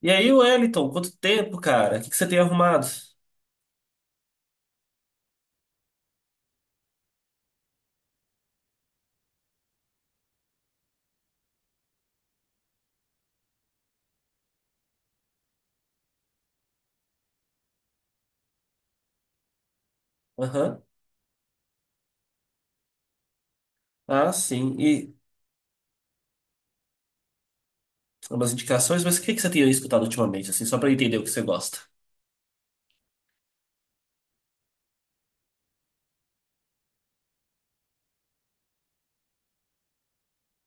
E aí, Wellington, quanto tempo, cara? O que que você tem arrumado? Aham. Ah, sim. E umas indicações, mas o que que você tem escutado ultimamente, assim, só pra eu entender o que você gosta?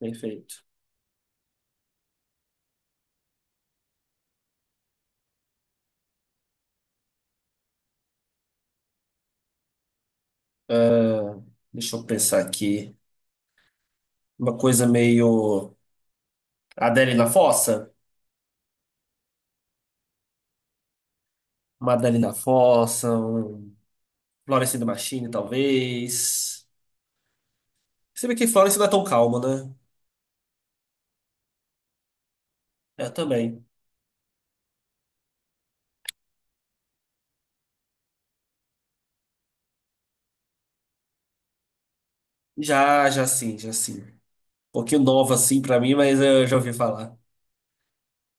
Perfeito. Ah, deixa eu pensar aqui. Uma coisa meio Adele na Fossa? Uma Adele na Fossa, um Florence and the Machine, talvez. Você vê que Florence não é tão calma, né? Eu também. Já, já sim, já sim. Um pouquinho nova, assim, pra mim, mas eu já ouvi falar.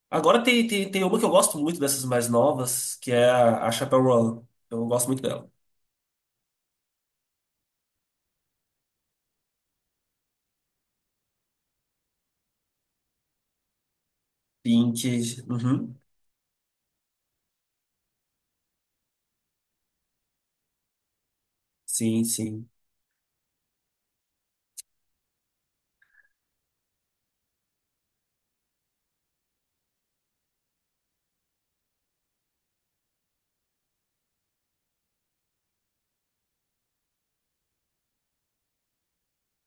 Agora tem uma que eu gosto muito dessas mais novas, que é a Chappell Roan. Eu gosto muito dela. Pink. Uhum. Sim, sim.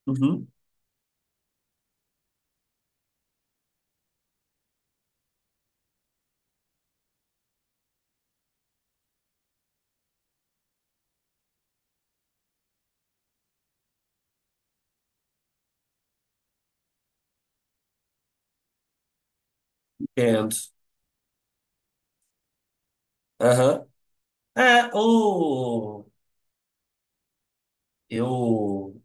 Uhum. Entendo. Aham. É, o. Eu.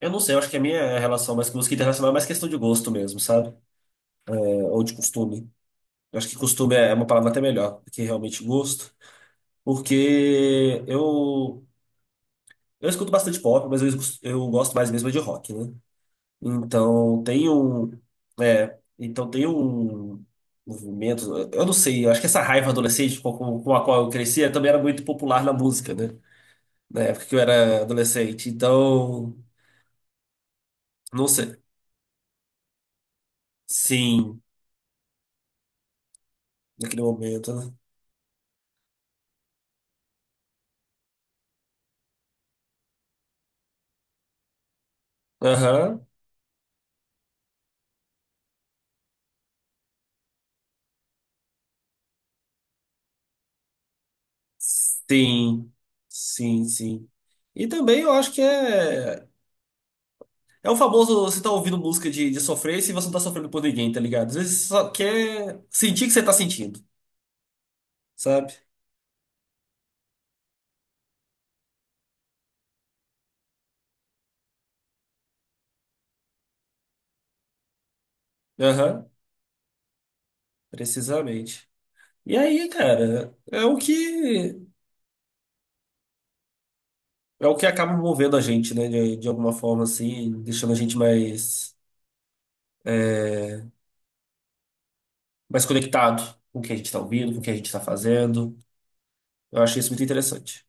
Eu não sei, eu acho que a minha relação mais com música internacional é mais questão de gosto mesmo, sabe? É, ou de costume. Eu acho que costume é uma palavra até melhor do que realmente gosto, porque eu. Eu escuto bastante pop, mas eu gosto mais mesmo é de rock, né? Então tem um, então tem um movimento, eu não sei, eu acho que essa raiva adolescente com a qual eu crescia também era muito popular na música, né? Na época que eu era adolescente. Então, não sei. Sim, naquele momento, né? Aham. Sim. Sim, sim. E também eu acho que é é o famoso você tá ouvindo música de sofrer e você não tá sofrendo por ninguém, tá ligado? Às vezes você só quer sentir o que você tá sentindo, sabe? Aham. Precisamente. E aí, cara, é o que acaba movendo a gente, né? De alguma forma, assim, deixando a gente mais, mais conectado com o que a gente tá ouvindo, com o que a gente tá fazendo. Eu achei isso muito interessante.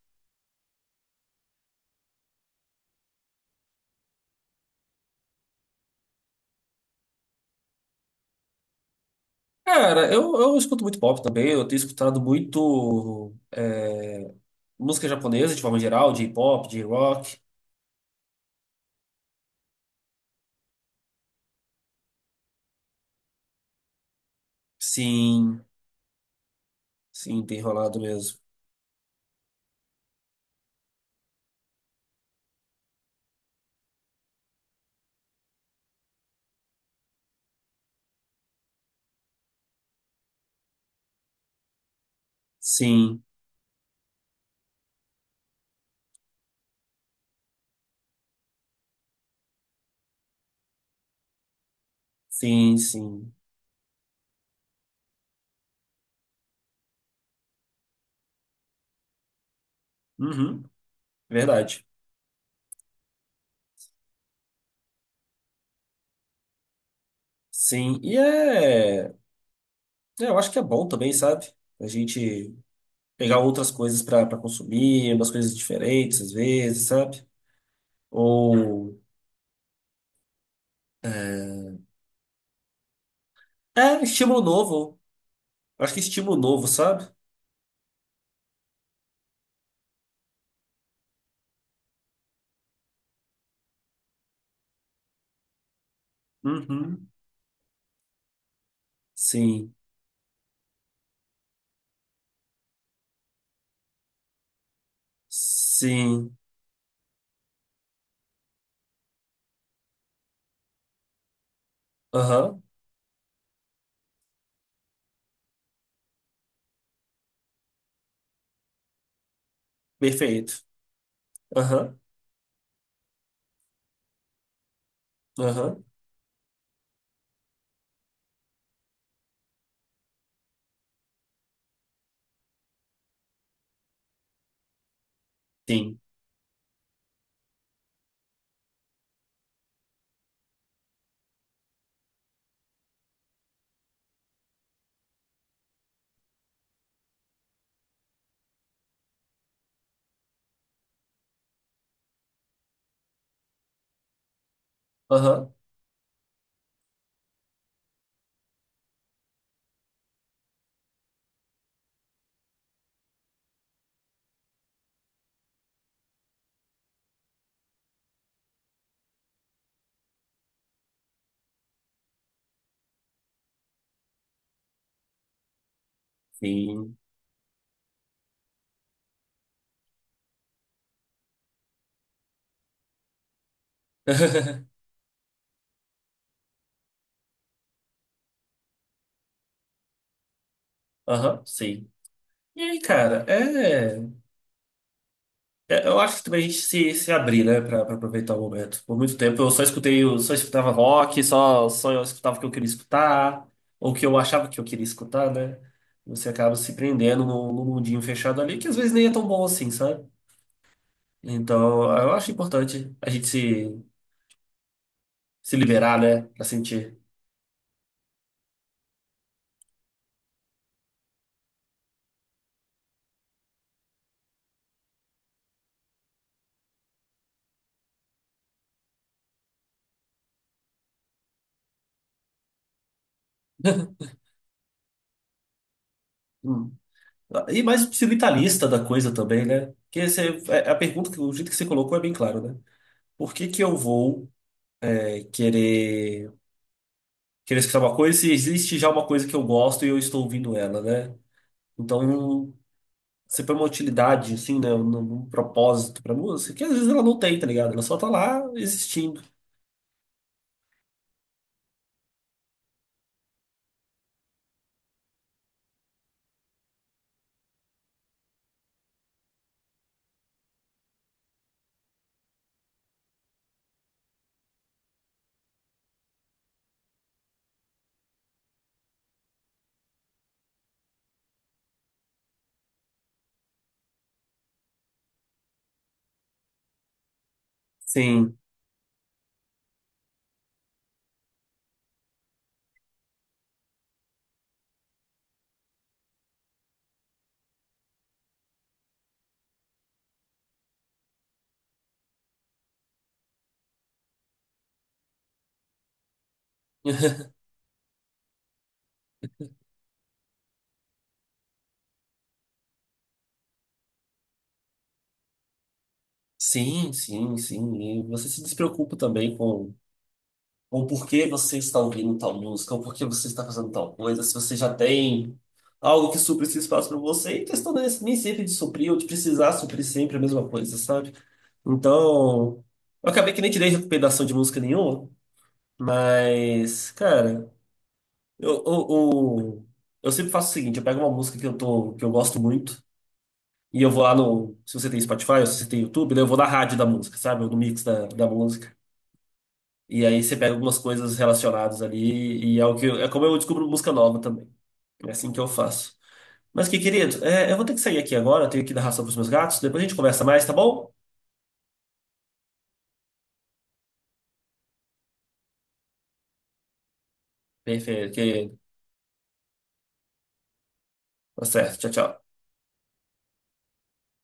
Cara, eu escuto muito pop também, eu tenho escutado muito música japonesa de forma geral, de pop, de rock. Sim, sim, tem rolado mesmo. Sim, sim, sim. Uhum, verdade. Sim, e é. É, eu acho que é bom também, sabe? A gente pegar outras coisas pra consumir, umas coisas diferentes às vezes, sabe? Ou. É, estímulo novo. Eu acho que estímulo novo, sabe? Uhum. Sim. Sim. Aham. Perfeito. Aham. Aham. Sim. Aham. Sim. Aham. Sim. E aí, cara? É, eu acho que também a gente se abrir, né, pra aproveitar o momento. Por muito tempo eu só escutava rock, só eu escutava o que eu queria escutar, ou o que eu achava que eu queria escutar, né? Você acaba se prendendo num mundinho fechado ali, que às vezes nem é tão bom assim, sabe? Então eu acho importante a gente se, se liberar, né, pra sentir. Hum. E mais o utilitarista da coisa também, né? A pergunta, que- o jeito que você colocou é bem claro, né? Por que que eu vou é, querer. Querer escutar uma coisa se existe já uma coisa que eu gosto e eu estou ouvindo ela, né? Então, sempre é uma utilidade, assim, né? Um propósito pra música, que às vezes ela não tem, tá ligado? Ela só tá lá existindo. Sim. Sim, sim, sim. E você se despreocupa também com por que você está ouvindo tal música, ou por que você está fazendo tal coisa, se você já tem algo que supre esse espaço para você, e questão não é nem sempre de suprir ou de precisar suprir sempre a mesma coisa, sabe? Então, eu acabei que nem tirei recomendação de música nenhuma, mas, cara, eu, eu, eu, eu sempre faço o seguinte, eu pego uma música que eu gosto muito, e eu vou lá no, se você tem Spotify, ou se você tem YouTube, né, eu vou na rádio da música, sabe? Ou no mix da música. E aí você pega algumas coisas relacionadas ali, e é é como eu descubro música nova também. É assim que eu faço. Mas que querido, é, eu vou ter que sair aqui agora, eu tenho que dar ração pros meus gatos, depois a gente conversa mais, tá bom? Perfeito, querido. Tá certo, tchau, tchau.